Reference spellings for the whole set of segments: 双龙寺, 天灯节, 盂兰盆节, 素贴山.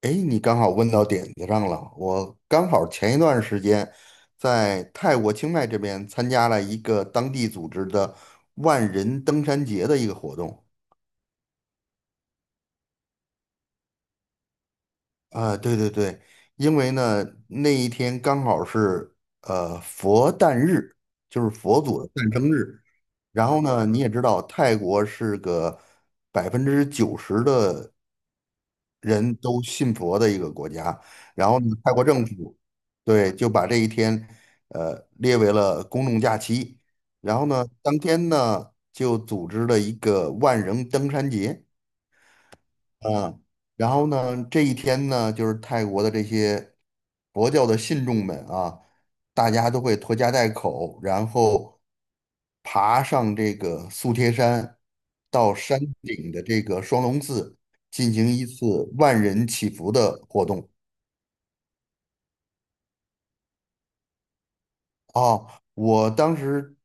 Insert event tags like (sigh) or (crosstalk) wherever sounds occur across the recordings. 哎，你刚好问到点子上了。我刚好前一段时间在泰国清迈这边参加了一个当地组织的万人登山节的一个活动。啊，对对对，因为呢那一天刚好是佛诞日，就是佛祖的诞生日。然后呢，你也知道泰国是个90%的人都信佛的一个国家。然后呢，泰国政府对就把这一天列为了公众假期。然后呢，当天呢就组织了一个万人登山节。嗯，然后呢，这一天呢，就是泰国的这些佛教的信众们啊，大家都会拖家带口，然后爬上这个素贴山，到山顶的这个双龙寺进行一次万人祈福的活动。啊。我当时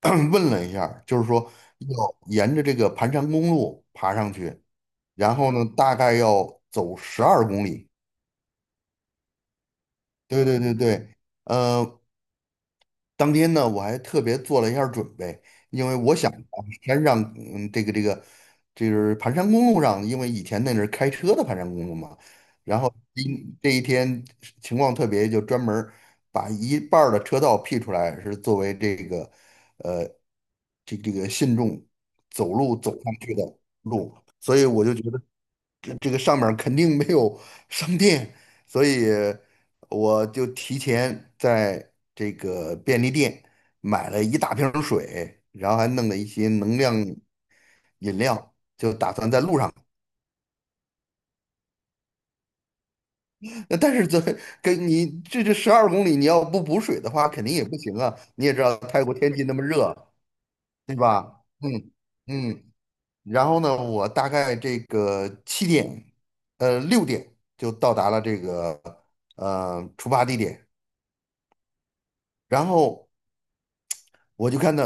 (clears throat) 问了一下儿就是说要沿着这个盘山公路爬上去，然后呢，大概要走十二公里。对对对对，呃，当天呢，我还特别做了一下儿准备，因为我想啊山上，这个，就是盘山公路上，因为以前那是开车的盘山公路嘛，然后今这一天情况特别，就专门儿把一半儿的车道辟出来，是作为这个，呃，这个信众走路走上去的路，所以我就觉得这个上面儿肯定没有商店，所以。我就提前在这个便利店买了一大瓶儿水，然后还弄了一些能量饮料，就打算在路上。那但是这跟你这十二公里，你要不补水的话，肯定也不行啊。你也知道泰国天气那么热，对吧？嗯嗯。然后呢，我大概这个7点，6点就到达了这个出发地点，然后。我就看到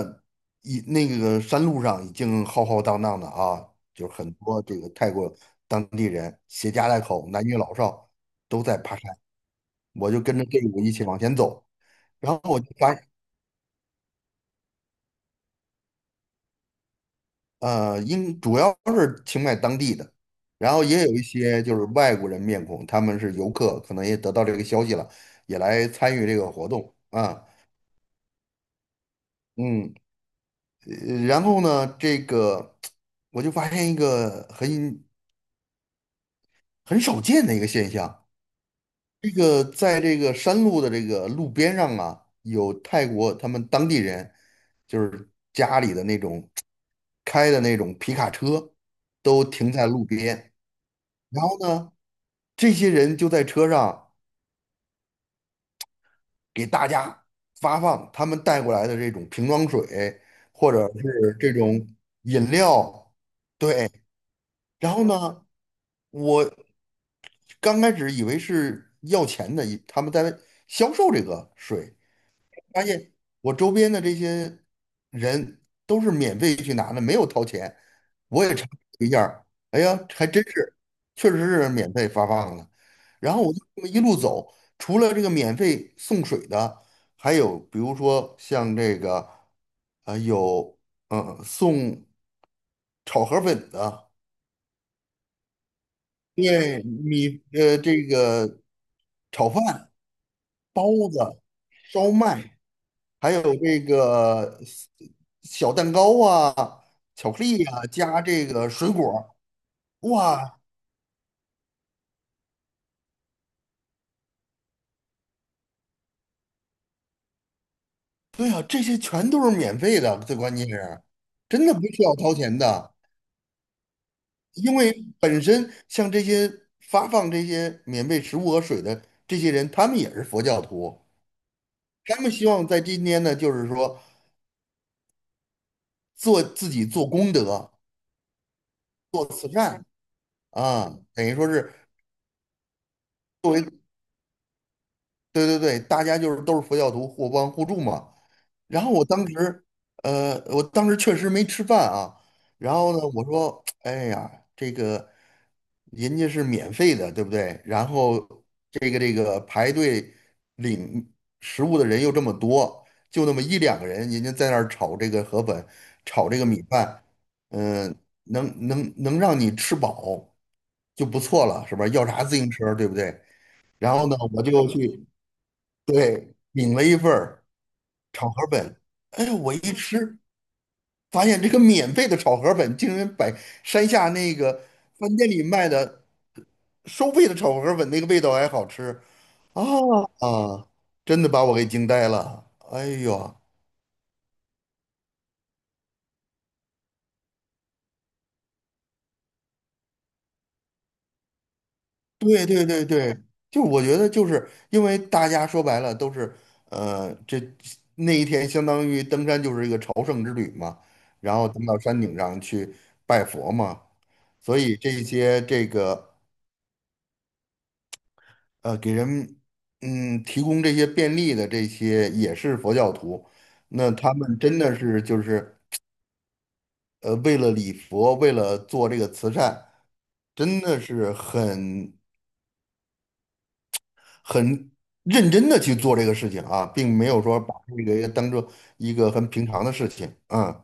一那个山路上已经浩浩荡荡的啊，就是很多这个泰国当地人携家带口，男女老少都在爬山，我就跟着队伍一起往前走，然后我就发现应主要是清迈当地的，然后也有一些就是外国人面孔，他们是游客，可能也得到这个消息了，也来参与这个活动啊，嗯，然后呢，这个我就发现一个很少见的一个现象。这个在这个山路的这个路边上啊，有泰国他们当地人，就是家里的那种开的那种皮卡车，都停在路边。然后呢，这些人就在车上给大家发放他们带过来的这种瓶装水，或者是这种饮料。对，然后呢，我刚开始以为是要钱的，以他们在销售这个水。发现我周边的这些人都是免费去拿的，没有掏钱。我也查了一下儿哎呀，还真是，确实是免费发放的。然后我就这么一路走，除了这个免费送水的，还有比如说像这个，有送炒河粉的，对这个炒饭、包子、烧麦。还有这个小蛋糕啊、巧克力啊，加这个水果儿哇，对呀，这些全都是免费的，最关键是真的不需要掏钱的，因为本身像这些发放这些免费食物和水的这些人，他们也是佛教徒，他们希望在今天呢，就是说做自己做功德、做慈善啊，等于说是。作为。对对对，大家就是都是佛教徒，互帮互助嘛。然后我当时确实没吃饭啊。然后呢，我说，哎呀，这个人家是免费的，对不对？然后这个排队领食物的人又这么多，就那么一两个人，人家在那儿炒这个河粉，炒这个米饭，嗯、能让你吃饱就不错了，是吧？要啥自行车，对不对？然后呢，我就去。对，领了一份儿炒河粉，哎，我一吃发现这个免费的炒河粉竟然比山下那个饭店里卖的收费的炒河粉那个味道还好吃啊啊！真的把我给惊呆了，哎呦，对对对对，就我觉得就是因为大家说白了都是呃这那一天相当于登山就是一个朝圣之旅嘛，然后登到山顶上去拜佛嘛。所以这些这个给人提供这些便利的这些也是佛教徒，那他们真的是就是为了礼佛，为了做这个慈善，真的是很认真的去做这个事情啊，并没有说把这个当做一个很平常的事情，嗯，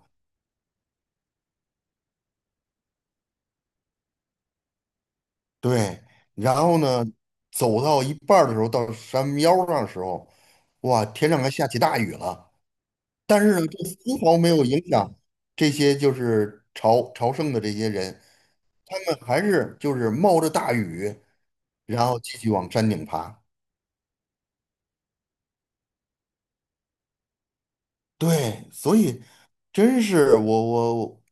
对。然后呢，走到一半儿的时候，到山腰上的时候，哇，天上还下起大雨了。但是呢，这丝毫没有影响这些就是朝圣的这些人，他们还是就是冒着大雨，然后继续往山顶爬。对，所以真是我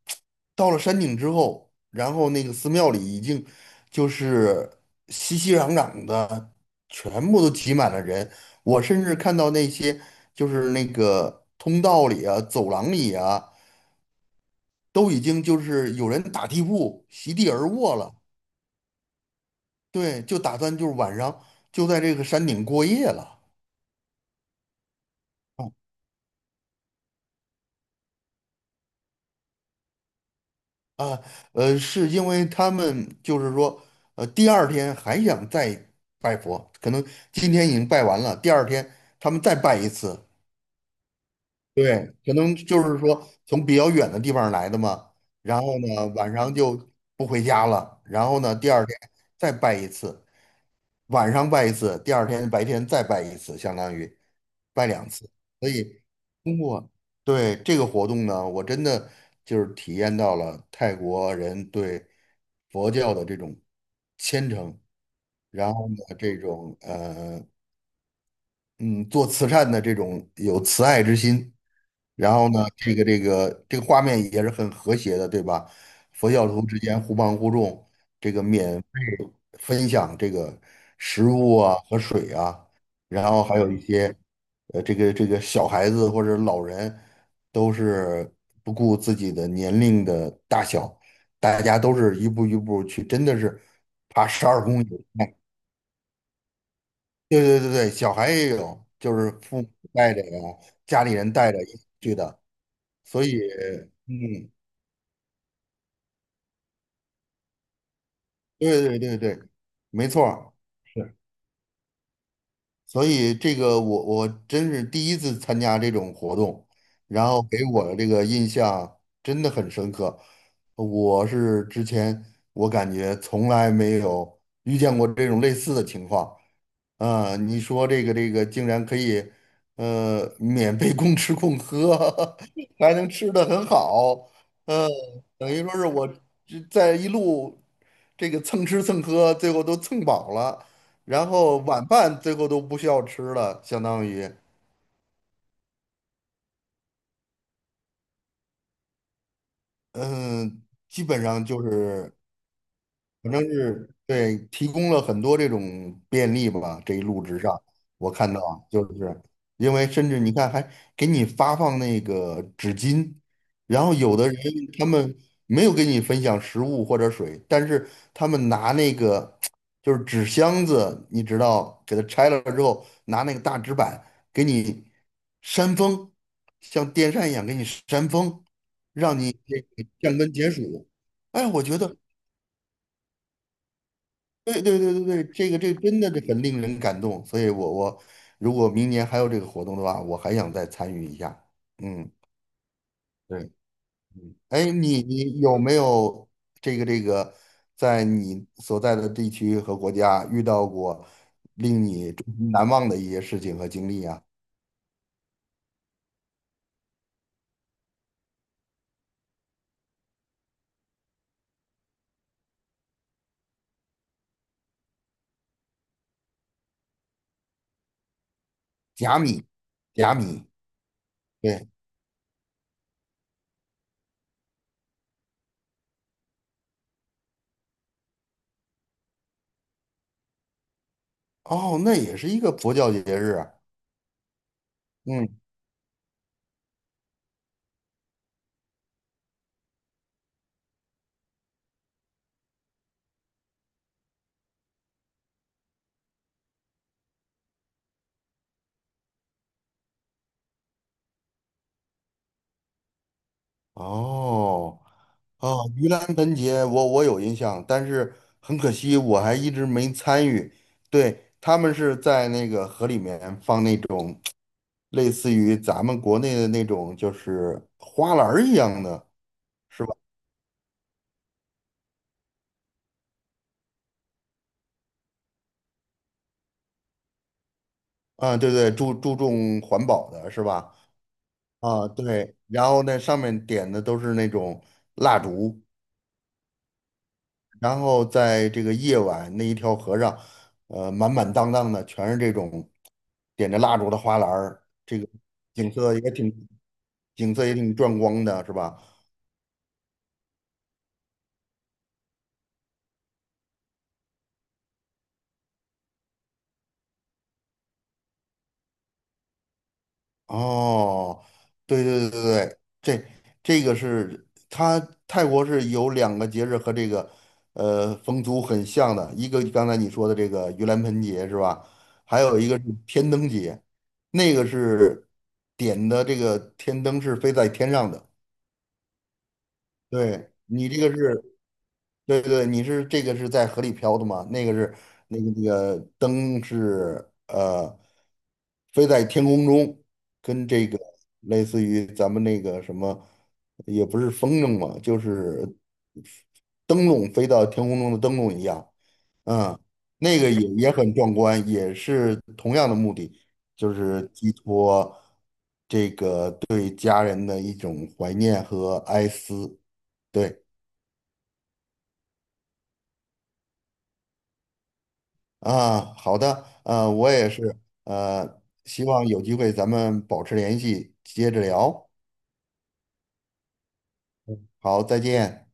到了山顶之后，然后那个寺庙里已经就是熙熙攘攘的，全部都挤满了人。我甚至看到那些就是那个通道里啊、走廊里啊。都已经就是有人打地铺席地而卧了，对，就打算就是晚上就在这个山顶过夜了。哦啊，是因为他们就是说，第二天还想再拜佛，可能今天已经拜完了，第二天他们再拜一次。对，可能就是说从比较远的地方来的嘛，然后呢晚上就不回家了，然后呢第二天再拜一次，晚上拜一次，第二天白天再拜一次，相当于拜两次。所以通过对这个活动呢，我真的就是体验到了泰国人对佛教的这种虔诚，然后呢这种做慈善的这种有慈爱之心，然后呢，这个画面也是很和谐的，对吧？佛教徒之间互帮互助，这个分享这个食物啊和水啊，然后还有一些这个小孩子或者老人都是不顾自己的年龄的大小，大家都是一步一步去，真的是爬十二公里。对对对对，小孩也有，就是父母带着呀，家里人带着一起去的，所以，嗯，对对对对，没错儿，是，所以这个我真是第一次参加这种活动，然后给我的这个印象真的很深刻，我是之前我感觉从来没有遇见过这种类似的情况，啊，你说这个竟然可以，免费供吃供喝，(laughs) 还能吃的很好，嗯、等于说是我这在一路这个蹭吃蹭喝，最后都蹭饱了，然后晚饭最后都不需要吃了，相当于，嗯、基本上就是反正是对，提供了很多这种便利吧。这一路之上，我看到啊就是因为甚至你看还给你发放那个纸巾，然后有的人他们没有给你分享食物或者水，但是他们拿那个就是纸箱子，你知道，给它拆了之后，拿那个大纸板给你扇风，像电扇一样给你扇风，让你这个降温解暑。哎，我觉得。对对对对对，这真的是很令人感动，所以我如果明年还有这个活动的话，我还想再参与一下。嗯，对，嗯，哎，你有没有这个在你所在的地区和国家遇到过令你终身难忘的一些事情和经历啊？甲米，甲米，对，哦，那也是一个佛教节日啊。嗯，哦。啊，盂兰盆节我有印象，但是很可惜我还一直没参与。对，他们是在那个河里面放那种类似于咱们国内的那种就是花篮儿一样的，是吧？啊，对对，注重环保的是吧？啊，对，然后那上面点的都是那种蜡烛，然后在这个夜晚那一条河上，满满当当的全是这种点着蜡烛的花篮儿，这个景色也挺景色也挺壮观的，是吧？哦，对对对对，对，这个是它泰国是有两个节日和这个风俗很像的，一个刚才你说的这个盂兰盆节是吧？还有一个是天灯节，那个是点的这个天灯是飞在天上的。对你这个是，对对，你是这个是在河里漂的嘛？那个灯是飞在天空中，跟这个类似于咱们那个什么，也不是风筝嘛，就是灯笼飞到天空中的灯笼一样，嗯，那个也很壮观，也是同样的目的，就是寄托对家人的一种怀念和哀思，对。啊，好的，我也是，希望有机会咱们保持联系，接着聊。好，再见。